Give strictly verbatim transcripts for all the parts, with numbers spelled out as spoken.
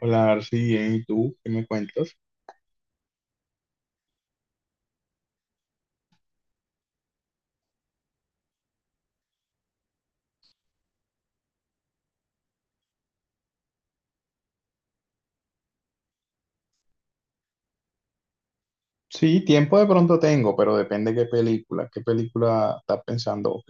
Hola, Arsi, bien, ¿y tú? ¿Qué me cuentas? Sí, tiempo de pronto tengo, pero depende qué película. ¿Qué película estás pensando?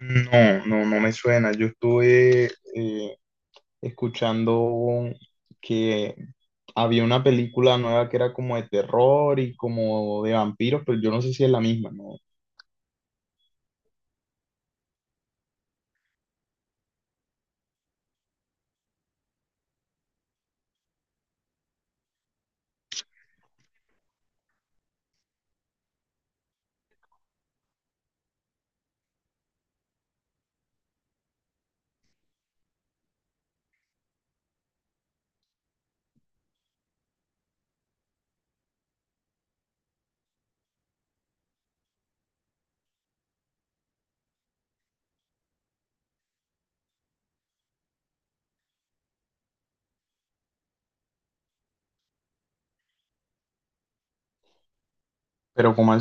No, no, no me suena. Yo estuve eh, escuchando que había una película nueva que era como de terror y como de vampiros, pero yo no sé si es la misma, ¿no? Pero como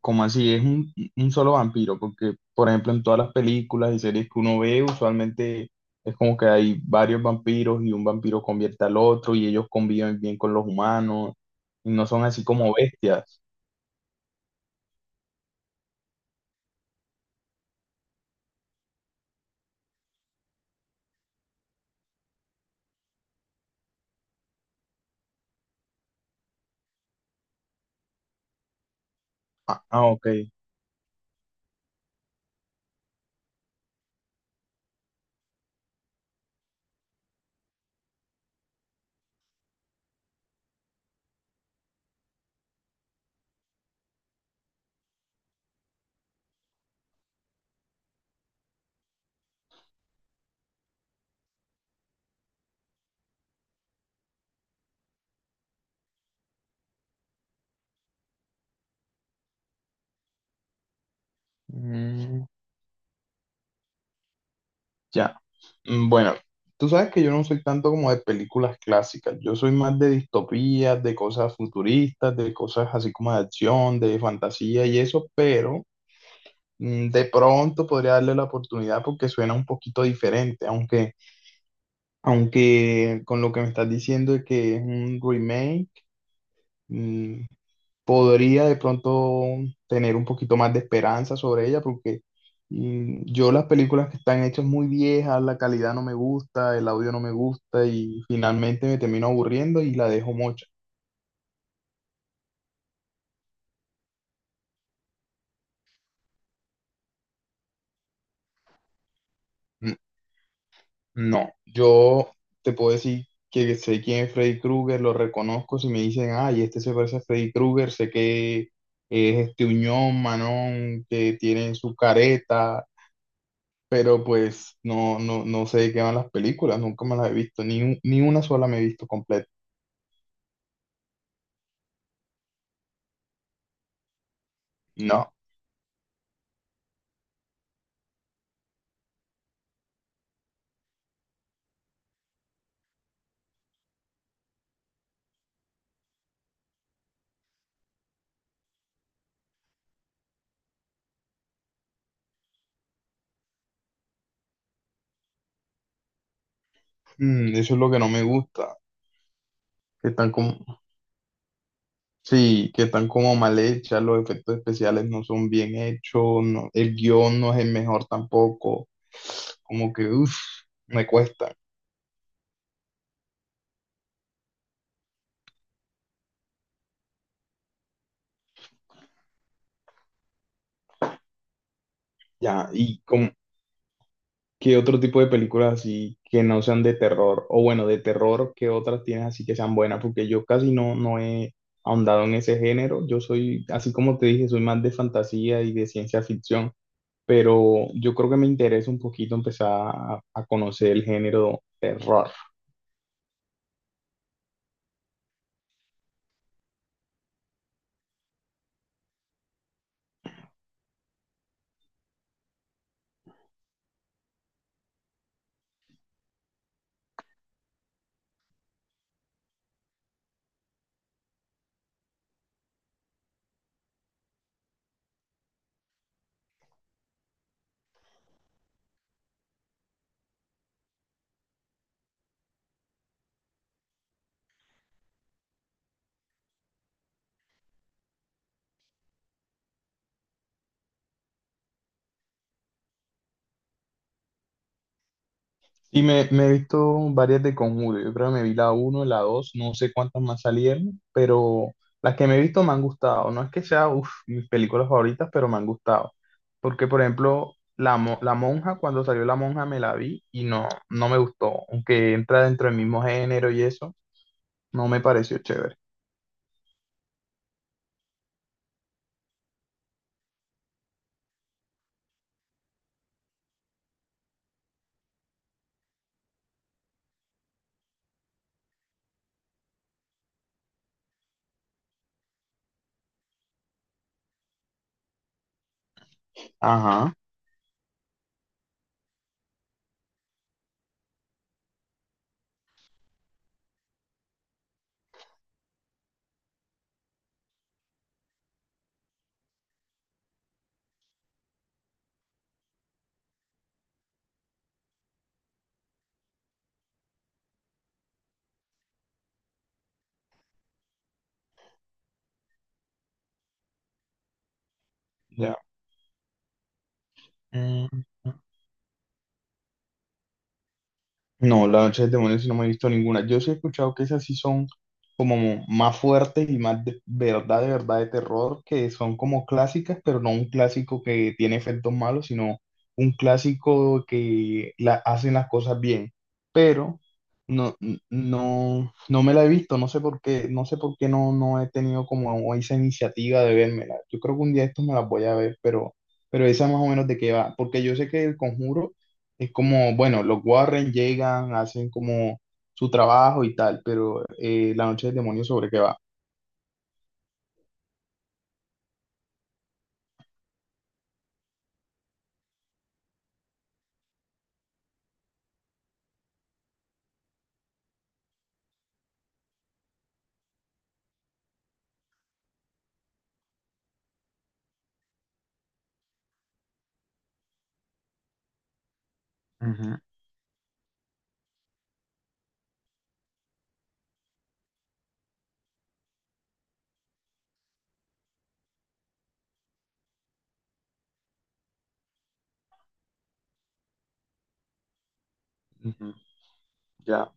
como así, es un, un solo vampiro, porque por ejemplo en todas las películas y series que uno ve, usualmente es como que hay varios vampiros y un vampiro convierte al otro y ellos conviven bien con los humanos y no son así como bestias. Ah, ah, ok. Mm, ya. Mm, bueno, tú sabes que yo no soy tanto como de películas clásicas, yo soy más de distopías, de cosas futuristas, de cosas así como de acción, de fantasía y eso, pero mm, de pronto podría darle la oportunidad porque suena un poquito diferente, aunque, aunque con lo que me estás diciendo de que es un remake, mm, podría de pronto tener un poquito más de esperanza sobre ella porque mm, yo las películas que están hechas muy viejas, la calidad no me gusta, el audio no me gusta y finalmente me termino aburriendo y la dejo mocha. No, yo te puedo decir que sé quién es Freddy Krueger, lo reconozco. Si me dicen, ay, este se parece a Freddy Krueger, sé que es este Uñón, Manón, que tienen su careta, pero pues no, no, no sé de qué van las películas, nunca me las he visto, ni, un- ni una sola me he visto completa. No. Mm, eso es lo que no me gusta. Que están como... Sí, que están como mal hechas, los efectos especiales no son bien hechos, no- el guión no es el mejor tampoco, como que, uff, me cuesta. Ya, y como, ¿qué otro tipo de películas así que no sean de terror? O bueno, de terror, ¿qué otras tienes así que sean buenas? Porque yo casi no, no he ahondado en ese género, yo soy, así como te dije, soy más de fantasía y de ciencia ficción, pero yo creo que me interesa un poquito empezar a a conocer el género terror. Y me, me he visto varias de Conjuro. Yo creo que me vi la uno la dos, no sé cuántas más salieron, pero las que me he visto me han gustado. No es que sea, uf, mis películas favoritas, pero me han gustado. Porque, por ejemplo, la, Mo- la Monja, cuando salió La Monja me la vi y no, no me gustó. Aunque entra dentro del mismo género y eso, no me pareció chévere. Ajá, ya. No, la noche del demonio sí no me he visto ninguna. Yo sí he escuchado que esas sí son como mo- más fuertes y más de verdad, de verdad de terror, que son como clásicas, pero no un clásico que tiene efectos malos, sino un clásico que la, hacen las cosas bien. Pero no, n- no, no me la he visto, no sé por qué, no sé por qué no, no he tenido como esa iniciativa de vérmela. Yo creo que un día estos me las voy a ver, pero, pero esa más o menos de qué va, porque yo sé que El Conjuro es como, bueno, los Warren llegan, hacen como su trabajo y tal, pero eh, La Noche del Demonio sobre qué va. Ujú, ujú, ya.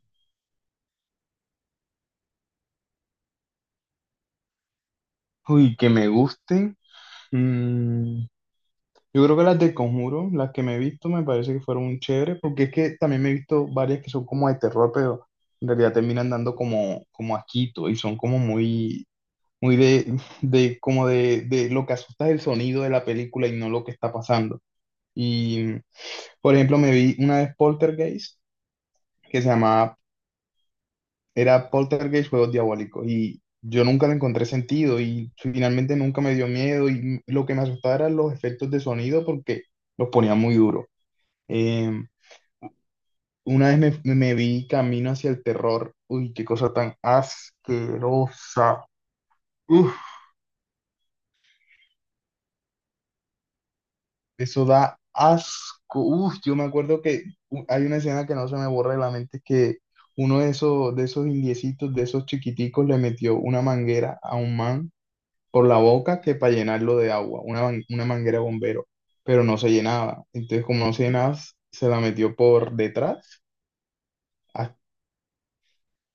Uy, que me gusten. mm, yo creo que las de Conjuro, las que me he visto, me parece que fueron chéveres porque es que también me he visto varias que son como de terror, pero en realidad terminan dando como, como asquito y son como muy, muy de, de como de, de lo que asusta es el sonido de la película y no lo que está pasando. Y, por ejemplo, me vi una vez Poltergeist, que se llamaba, era Poltergeist Juegos Diabólicos, y yo nunca le encontré sentido, y finalmente nunca me dio miedo, y lo que me asustaba eran los efectos de sonido, porque los ponía muy duro. Eh, una vez me, me vi Camino hacia el terror, uy, qué cosa tan asquerosa. Uf, eso da asco. Uf, yo me acuerdo que u- hay una escena que no se me borra de la mente, que uno de esos, de esos indiecitos, de esos chiquiticos, le metió una manguera a un man por la boca que para llenarlo de agua, una, man- una manguera bombero, pero no se llenaba. Entonces, como no se llenaba, se la metió por detrás, has-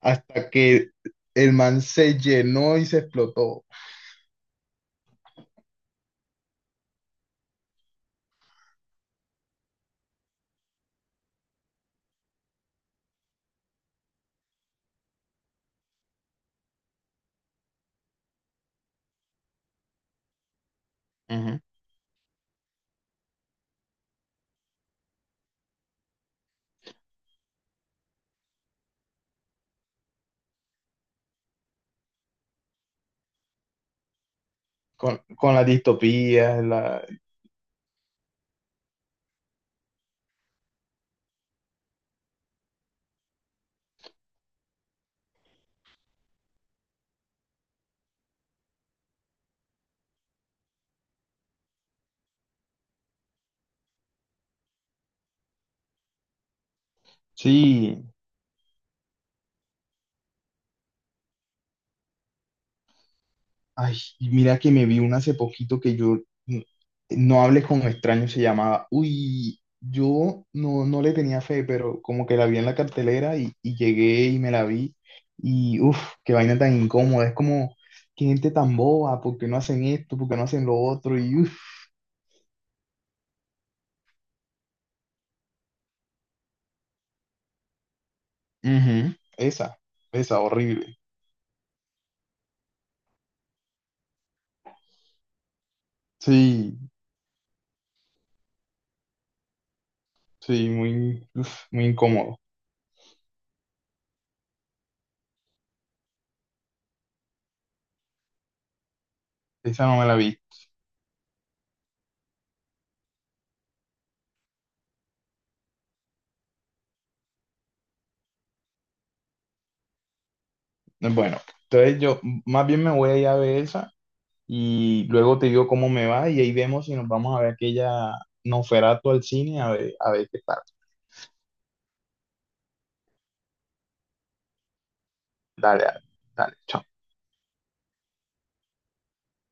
hasta que el man se llenó y se explotó. Ujú. Con, con las distopías, la... Sí, ay, y mira que me vi una hace poquito que yo n- no hables con extraños se llamaba. Uy, yo no, no le tenía fe, pero como que la vi en la cartelera y, y llegué y me la vi. Y uff, qué vaina tan incómoda. Es como, qué gente tan boba, ¿por qué no hacen esto? ¿Por qué no hacen lo otro? Y uff, ujú, esa, esa, horrible. Sí, sí, muy, uf, muy incómodo. Esa no me la vi. Bueno, entonces yo más bien me voy a ir a ver esa. Y luego te digo cómo me va y ahí vemos si nos vamos a ver aquella Nosferatu al cine a ver, a ver qué tal. Dale, dale, dale, chao.